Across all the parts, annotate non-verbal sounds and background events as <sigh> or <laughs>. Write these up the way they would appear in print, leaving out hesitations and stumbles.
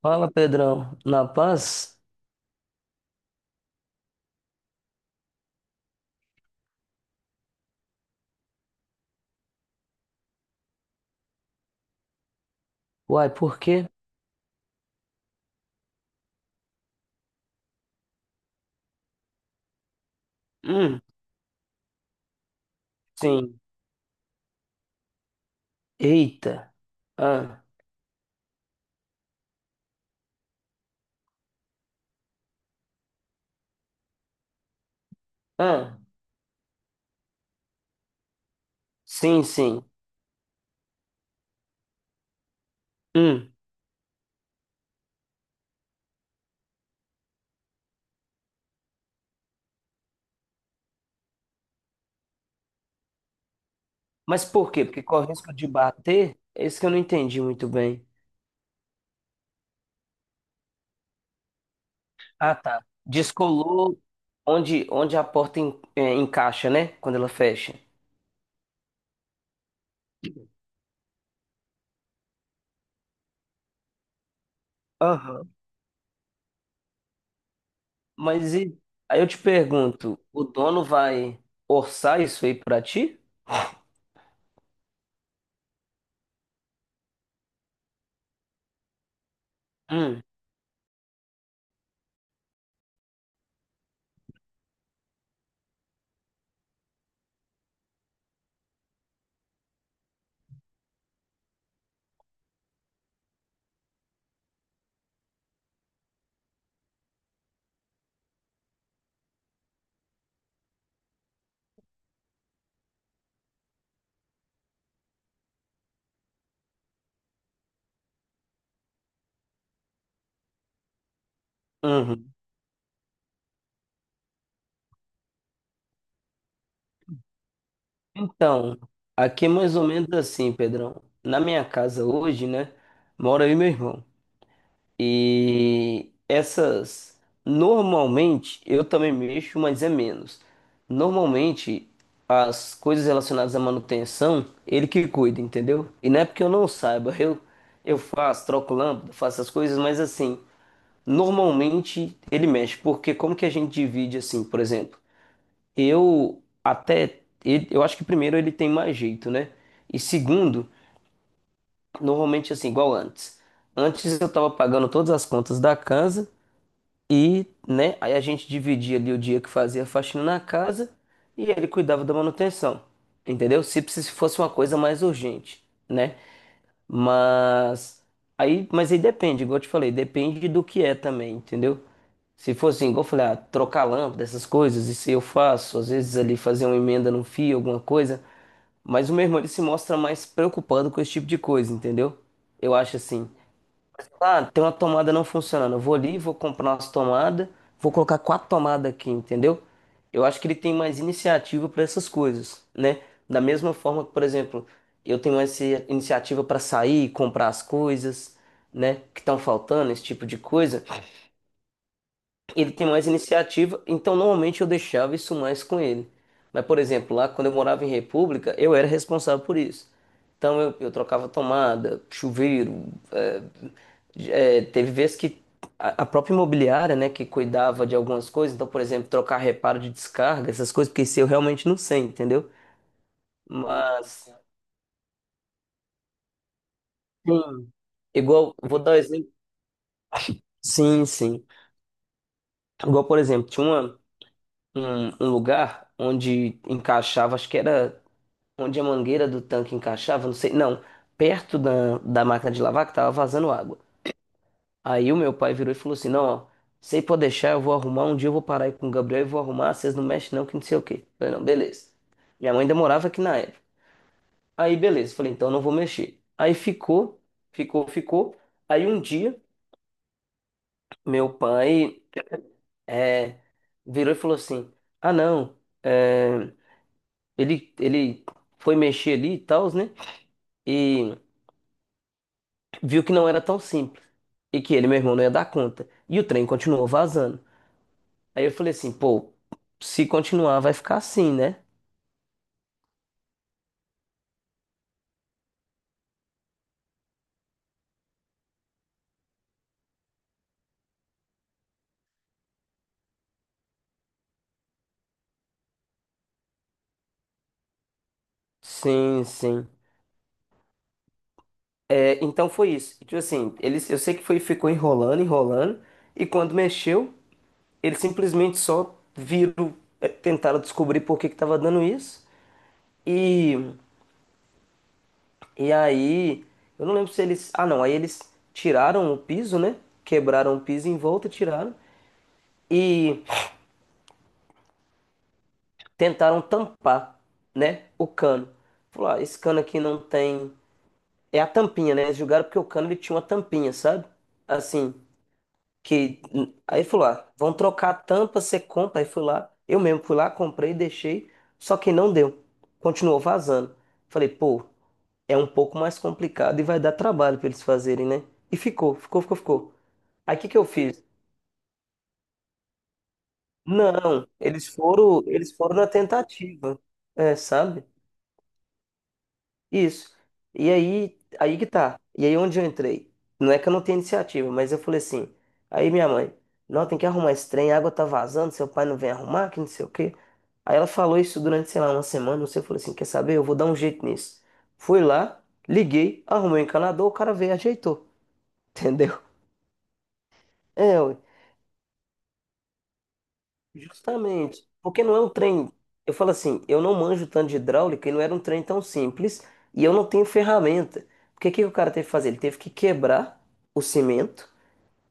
Fala, Pedrão. Na paz? Uai, por quê? Hum, sim. Eita. Ah, ah, sim, sim. Hum. Mas por quê? Porque corre risco de bater? É isso que eu não entendi muito bem. Ah, tá. Descolou onde, onde a porta encaixa, né? Quando ela fecha. Aham. Mas e... Aí eu te pergunto, o dono vai orçar isso aí pra ti? Hum. Uhum. Então, aqui é mais ou menos assim, Pedrão. Na minha casa hoje, né, mora eu e meu irmão. E essas, normalmente, eu também mexo, mas é menos. Normalmente, as coisas relacionadas à manutenção, ele que cuida, entendeu? E não é porque eu não saiba, eu faço, troco lâmpada, faço as coisas, mas assim, normalmente ele mexe, porque como que a gente divide assim, por exemplo? Eu acho que primeiro ele tem mais jeito, né? E segundo, normalmente assim, igual antes. Antes eu tava pagando todas as contas da casa e, né? Aí a gente dividia ali o dia que fazia a faxina na casa e ele cuidava da manutenção. Entendeu? Se precis- fosse uma coisa mais urgente, né? Mas mas aí depende, igual eu te falei, depende do que é também, entendeu? Se fosse assim, igual eu falei, ah, trocar lâmpada, essas coisas, isso eu faço, às vezes ali fazer uma emenda num fio, alguma coisa, mas o meu irmão ele se mostra mais preocupado com esse tipo de coisa, entendeu? Eu acho assim, ah, tem uma tomada não funcionando, eu vou ali, vou comprar umas tomadas, vou colocar quatro tomadas aqui, entendeu? Eu acho que ele tem mais iniciativa para essas coisas, né? Da mesma forma que, por exemplo, eu tenho essa iniciativa para sair, comprar as coisas, né, que estão faltando, esse tipo de coisa ele tem mais iniciativa, então normalmente eu deixava isso mais com ele. Mas, por exemplo, lá quando eu morava em República, eu era responsável por isso. Então eu trocava tomada, chuveiro. é, Teve vezes que a própria imobiliária, né, que cuidava de algumas coisas, então, por exemplo, trocar reparo de descarga, essas coisas, porque isso eu realmente não sei, entendeu? Mas, sim, igual, vou dar um exemplo. Sim, sim. Igual, por exemplo, um lugar onde encaixava, acho que era. Onde a mangueira do tanque encaixava, não sei, não, perto da máquina de lavar que tava vazando água. Aí o meu pai virou e falou assim: Não, ó, sei pode deixar, eu vou arrumar. Um dia eu vou parar aí com o Gabriel e vou arrumar. Vocês não mexem, não, que não sei o quê. Eu falei: Não, beleza. Minha mãe ainda morava aqui na época. Aí, beleza. Falei: Então não vou mexer. Aí ficou. Aí um dia, meu pai é, virou e falou assim: Ah, não, é, ele foi mexer ali e tal, né? E viu que não era tão simples, e que ele, meu irmão, não ia dar conta. E o trem continuou vazando. Aí eu falei assim, pô, se continuar vai ficar assim, né? Sim, sim. É, então foi isso. E, tipo assim, eles, eu sei que foi, ficou enrolando, e quando mexeu, eles simplesmente só viram, é, tentaram descobrir por que que tava dando isso. E, e aí, eu não lembro se eles. Ah, não, aí eles tiraram o piso, né? Quebraram o piso em volta, tiraram. E tentaram tampar, né, o cano. Falou, ah, esse cano aqui não tem... É a tampinha, né? Eles julgaram porque o cano ele tinha uma tampinha, sabe? Assim, que... Aí falou, ah, vão trocar a tampa, você compra. Aí fui lá, eu mesmo fui lá, comprei, deixei. Só que não deu. Continuou vazando. Falei, pô, é um pouco mais complicado e vai dar trabalho pra eles fazerem, né? E ficou. Aí o que que eu fiz? Não, eles foram na tentativa, é, sabe? Isso. E aí, aí que tá. E aí onde eu entrei? Não é que eu não tenha iniciativa, mas eu falei assim. Aí minha mãe, não, tem que arrumar esse trem, a água tá vazando, seu pai não vem arrumar, que não sei o quê. Aí ela falou isso durante, sei lá, uma semana, não sei, eu falei assim, quer saber? Eu vou dar um jeito nisso. Fui lá, liguei, arrumei o encanador, o cara veio, e ajeitou. <laughs> Entendeu? É, justamente, porque não é um trem. Eu falo assim, eu não manjo tanto de hidráulica e não era um trem tão simples e eu não tenho ferramenta. Porque o que que o cara teve que fazer? Ele teve que quebrar o cimento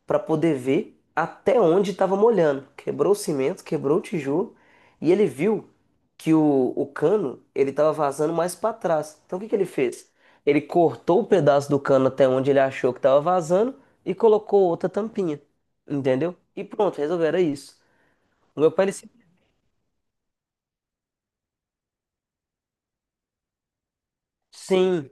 para poder ver até onde estava molhando. Quebrou o cimento, quebrou o tijolo e ele viu que o cano ele estava vazando mais para trás. Então o que que ele fez? Ele cortou o pedaço do cano até onde ele achou que estava vazando e colocou outra tampinha, entendeu? E pronto, resolveram isso. O meu pai ele se sim,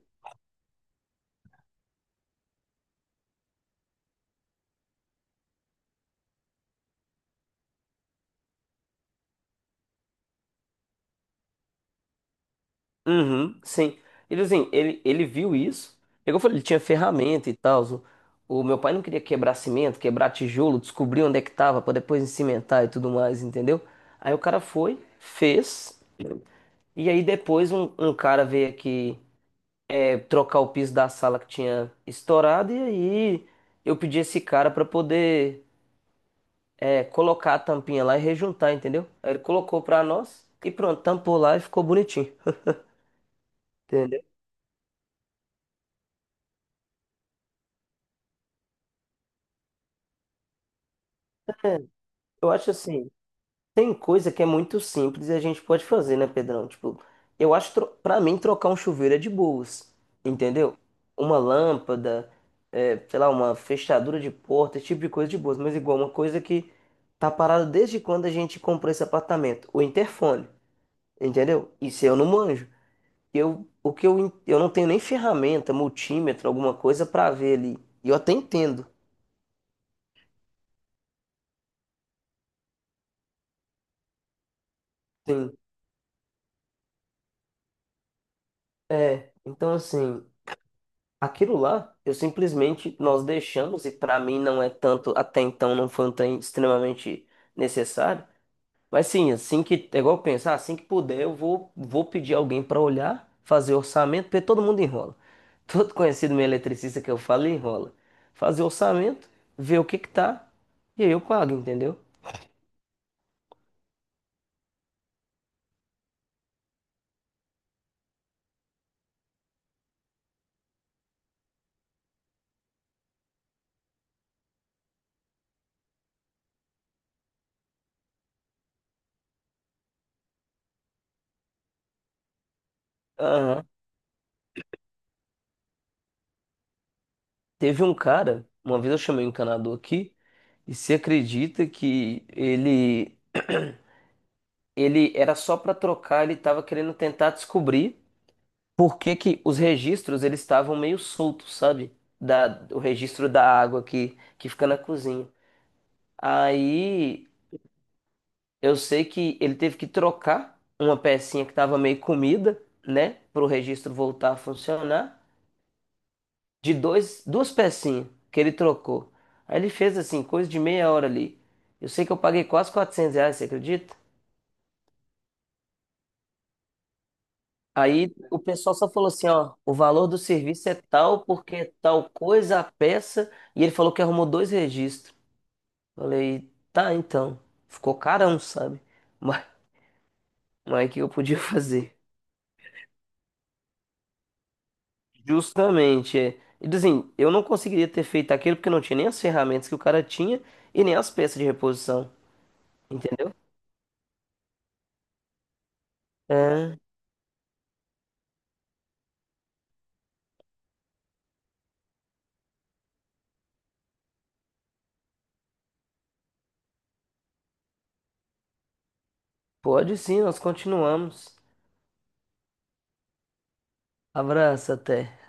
uhum, sim. Ele assim, ele viu isso. Pegou, e falou, ele tinha ferramenta e tal. O meu pai não queria quebrar cimento, quebrar tijolo, descobrir onde é que tava pra depois cimentar e tudo mais, entendeu? Aí o cara foi, fez. E aí depois um cara veio aqui trocar o piso da sala que tinha estourado e aí eu pedi esse cara pra poder colocar a tampinha lá e rejuntar, entendeu? Aí ele colocou pra nós e pronto, tampou lá e ficou bonitinho, entendeu? Eu acho assim, tem coisa que é muito simples e a gente pode fazer, né, Pedrão? Tipo, eu acho, pra mim, trocar um chuveiro é de boas, entendeu? Uma lâmpada, é, sei lá, uma fechadura de porta, esse tipo de coisa de boas. Mas igual, uma coisa que tá parada desde quando a gente comprou esse apartamento, o interfone, entendeu? Isso eu não manjo. Eu, o que eu, en- Eu não tenho nem ferramenta, multímetro, alguma coisa pra ver ali. E eu até entendo. Sim. É, então assim. Aquilo lá, eu simplesmente nós deixamos, e para mim não é tanto, até então não foi um trem extremamente necessário, mas sim, assim que, é igual pensar, assim que puder, eu vou, vou pedir alguém para olhar, fazer orçamento, porque todo mundo enrola. <laughs> Todo conhecido meu eletricista que eu falo enrola. Fazer orçamento, ver o que que tá, e aí eu pago, entendeu? Aham. Teve um cara, uma vez eu chamei um encanador aqui, e você acredita que ele. Ele era só para trocar, ele tava querendo tentar descobrir por que que os registros eles estavam meio soltos, sabe? Da, o registro da água que fica na cozinha. Aí eu sei que ele teve que trocar uma pecinha que tava meio comida, né? Para o registro voltar a funcionar, de dois, duas pecinhas que ele trocou. Aí ele fez assim, coisa de meia hora ali. Eu sei que eu paguei quase R$ 400, você acredita? Aí o pessoal só falou assim, ó, o valor do serviço é tal porque é tal coisa a peça, e ele falou que arrumou dois registros. Falei, tá, então. Ficou carão, sabe? Mas, mas o que eu podia <laughs> fazer? Justamente, é. E assim, eu não conseguiria ter feito aquilo porque não tinha nem as ferramentas que o cara tinha e nem as peças de reposição, entendeu? É, pode sim, nós continuamos. Abraço, até.